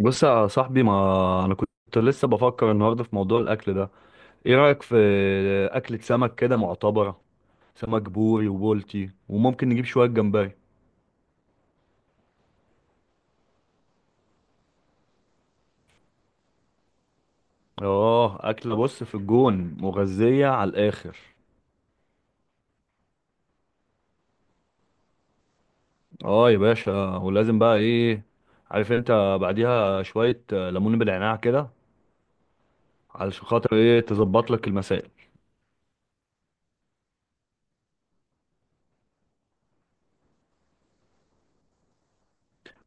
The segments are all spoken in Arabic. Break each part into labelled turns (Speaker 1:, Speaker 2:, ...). Speaker 1: بص يا صاحبي، ما انا كنت لسه بفكر النهارده في موضوع الاكل ده. ايه رايك في اكله سمك كده معتبره؟ سمك بوري وبولتي وممكن نجيب شويه جمبري. اه، اكله بص في الجون مغذيه على الاخر. اه يا باشا، ولازم بقى ايه؟ عارف انت بعديها شويه ليمون بالعناع كده، علشان خاطر ايه تظبط لك المسائل.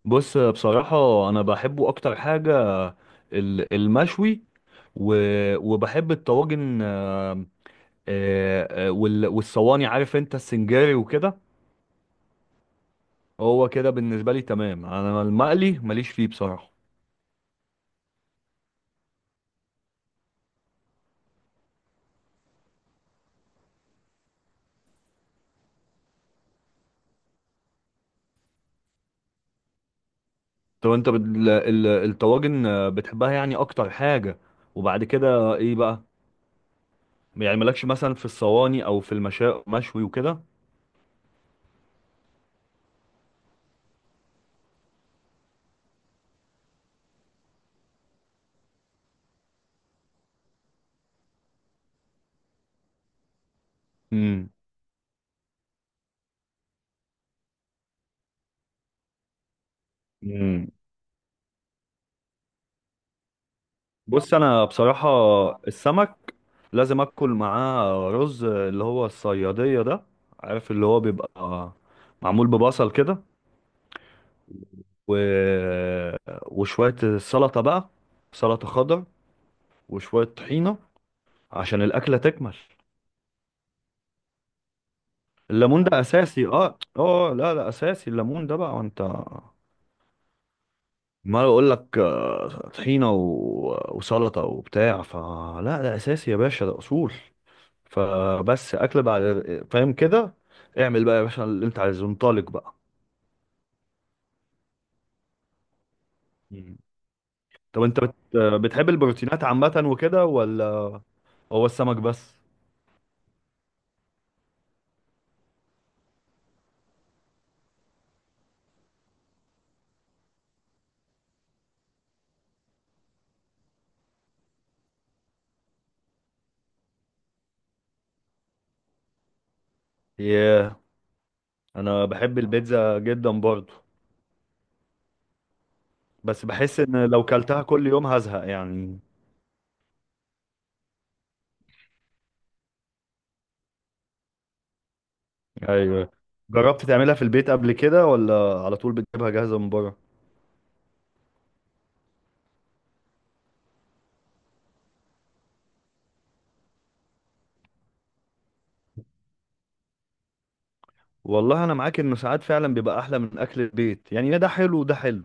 Speaker 1: بص بصراحه انا بحبه اكتر حاجه المشوي، و... وبحب الطواجن، والصواني. عارف انت السنجاري وكده. هو كده بالنسبه لي تمام، انا المقلي ماليش فيه بصراحه. طب انت الطواجن، بتحبها يعني اكتر حاجه؟ وبعد كده ايه بقى؟ يعني مالكش مثلا في الصواني او في المشا، مشوي وكده؟ امم. امم. بص انا بصراحه، السمك لازم اكل معاه رز اللي هو الصياديه ده. عارف اللي هو بيبقى معمول ببصل كده، و... وشوية سلطة بقى، سلطة خضر، وشوية طحينة عشان الأكلة تكمل. الليمون ده أساسي، اه اه، لا لا، أساسي الليمون ده بقى وانت. ما أقول لك، طحينة وسلطة وبتاع فلا، ده أساسي يا باشا، ده أصول. فبس أكل بعد، فاهم كده. اعمل بقى يا باشا اللي انت عايزه، انطلق بقى. مم. طب انت بتحب البروتينات عامة وكده، ولا هو السمك بس؟ ياه، انا بحب البيتزا جدا برضو، بس بحس ان لو كلتها كل يوم هزهق يعني. ايوه. جربت تعملها في البيت قبل كده، ولا على طول بتجيبها جاهزة من بره؟ والله انا معاك انه ساعات فعلا بيبقى احلى من اكل البيت، يعني ده حلو وده حلو.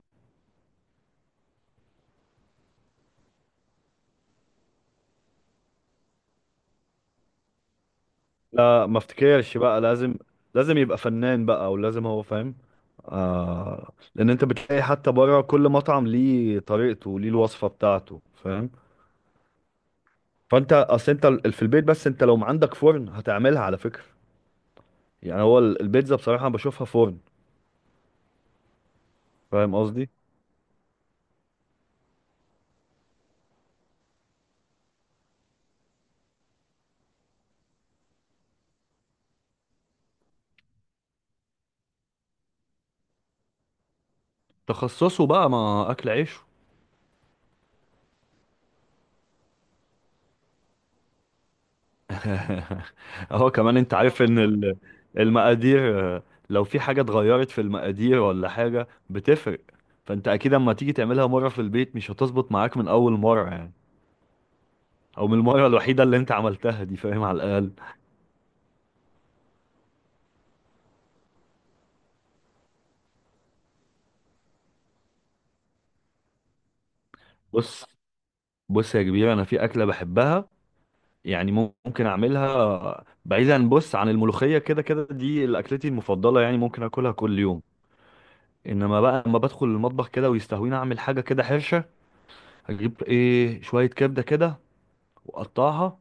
Speaker 1: لا ما افتكرش، بقى لازم يبقى فنان بقى، او لازم هو فاهم. آه، لان انت بتلاقي حتى بره كل مطعم ليه طريقته، ليه الوصفة بتاعته فاهم. فانت اصل انت في البيت، بس انت لو ما عندك فرن هتعملها على فكرة. يعني هو البيتزا بصراحة أنا بشوفها فرن. فاهم قصدي؟ تخصصه بقى، ما اكل عيشه. اهو كمان انت عارف ان المقادير، لو في حاجة اتغيرت في المقادير ولا حاجة بتفرق. فانت اكيد اما تيجي تعملها مرة في البيت مش هتظبط معاك من اول مرة يعني، او من المرة الوحيدة اللي انت عملتها دي، فاهم على الاقل. بص بص يا كبير، انا في اكلة بحبها يعني. ممكن اعملها بعيدا، بص، عن الملوخية، كده كده دي اكلتي المفضلة، يعني ممكن اكلها كل يوم. انما بقى لما بدخل المطبخ كده ويستهويني اعمل حاجه كده حرشه، اجيب ايه شويه كبده كده واقطعها،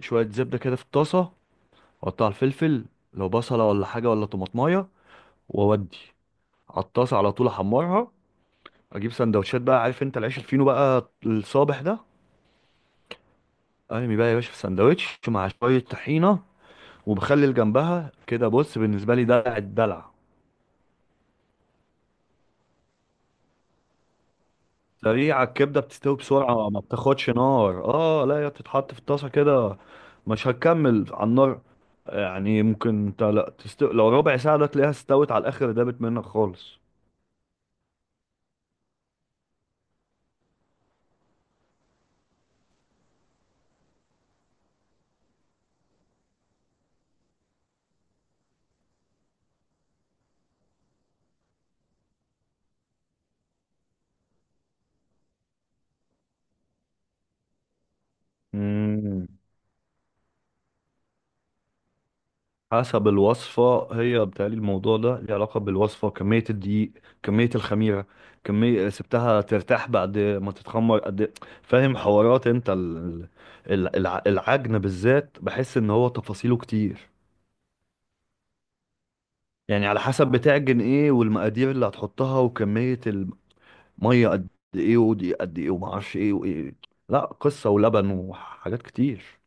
Speaker 1: شويه زبده كده في الطاسه، واقطع الفلفل، لو بصله ولا حاجه ولا طماطمايه، واودي على الطاسه على طول احمرها. اجيب سندوتشات بقى، عارف انت العيش الفينو بقى الصابح ده، ارمي بقى يا باشا في سندوتش مع شويه طحينه وبخلي جنبها كده. بص بالنسبه لي ده الدلع. سريعة الكبدة، بتستوي بسرعة، ما بتاخدش نار. اه، لا، هي بتتحط في الطاسة كده، مش هتكمل على النار. يعني ممكن انت لا تست... لو ربع ساعة ده تلاقيها استوت على الآخر، دابت منك خالص. مم. حسب الوصفة، هي بتهيألي الموضوع ده ليه علاقة بالوصفة. كمية الدقيق، كمية الخميرة، كمية سبتها ترتاح بعد ما تتخمر قد إيه. فاهم حوارات انت العجن بالذات، بحس ان هو تفاصيله كتير. يعني على حسب بتعجن ايه، والمقادير اللي هتحطها، وكمية المية قد ايه، ودي قد ايه، ومعرفش ايه وايه، لا قصة ولبن وحاجات كتير.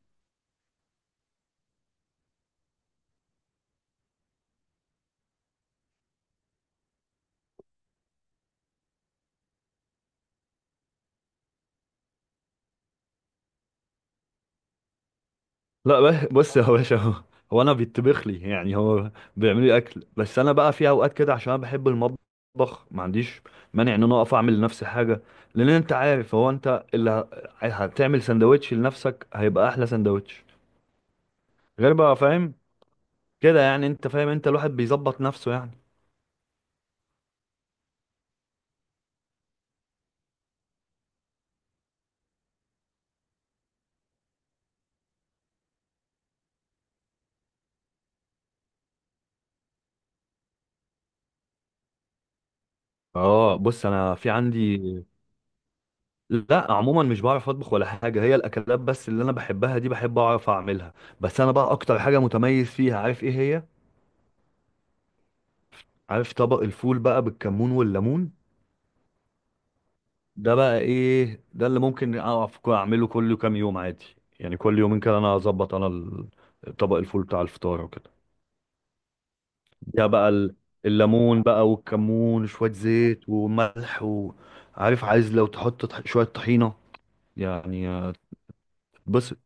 Speaker 1: لا بص يا باشا، هو انا بيطبخ لي يعني، هو بيعمل لي اكل. بس انا بقى في اوقات كده، عشان انا بحب المطبخ، ما عنديش مانع ان انا اقف اعمل لنفسي حاجة. لان انت عارف، هو انت اللي هتعمل سندوتش لنفسك هيبقى احلى سندوتش، غير بقى فاهم كده يعني. انت فاهم، انت الواحد بيظبط نفسه يعني. اه، بص انا في عندي، لا عموما مش بعرف اطبخ ولا حاجه. هي الاكلات بس اللي انا بحبها دي، بحب اعرف اعملها. بس انا بقى اكتر حاجه متميز فيها، عارف ايه هي؟ عارف طبق الفول بقى بالكمون والليمون، ده بقى ايه، ده اللي ممكن اعرف اعمله كل كام يوم عادي. يعني كل يومين كده انا اظبط انا طبق الفول بتاع الفطار وكده. ده بقى الليمون بقى والكمون وشويه زيت وملح، وعارف عايز لو تحط شويه طحينه يعني، تتبسط.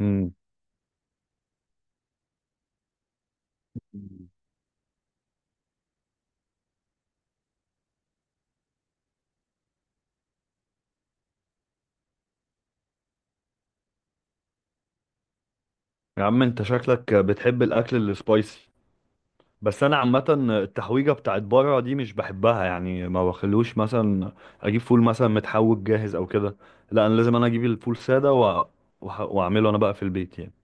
Speaker 1: مم. مم. يا عم انت شكلك بتحب الاكل السبايسي، بس انا عامه التحويجه بتاعت بره دي مش بحبها يعني. ما بخلوش مثلا اجيب فول مثلا متحوج جاهز او كده، لا انا لازم انا اجيب الفول ساده واعمله انا بقى في البيت يعني.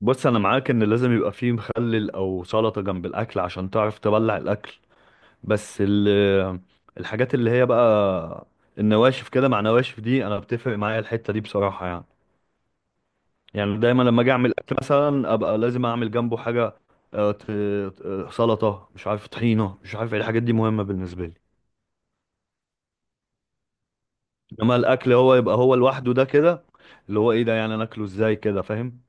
Speaker 1: بص انا معاك ان لازم يبقى فيه مخلل او سلطه جنب الاكل عشان تعرف تبلع الاكل. بس الحاجات اللي هي بقى النواشف كده مع نواشف دي، انا بتفرق معايا الحته دي بصراحه يعني. يعني دايما لما اجي اعمل اكل مثلا، ابقى لازم اعمل جنبه حاجه، آه، ت- سلطه، مش عارف طحينه، مش عارف إيه، الحاجات دي مهمه بالنسبه لي. انما الاكل هو يبقى هو لوحده ده كده، اللي هو ايه ده، يعني انا اكله ازاي كده، فاهم؟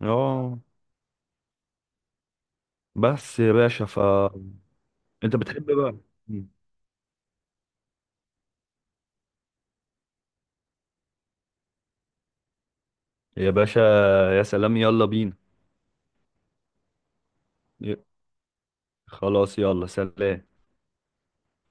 Speaker 1: اه. بس يا باشا ف، انت بتحب بقى يا باشا، يا سلام يلا بينا. ي- خلاص، يلا سلام.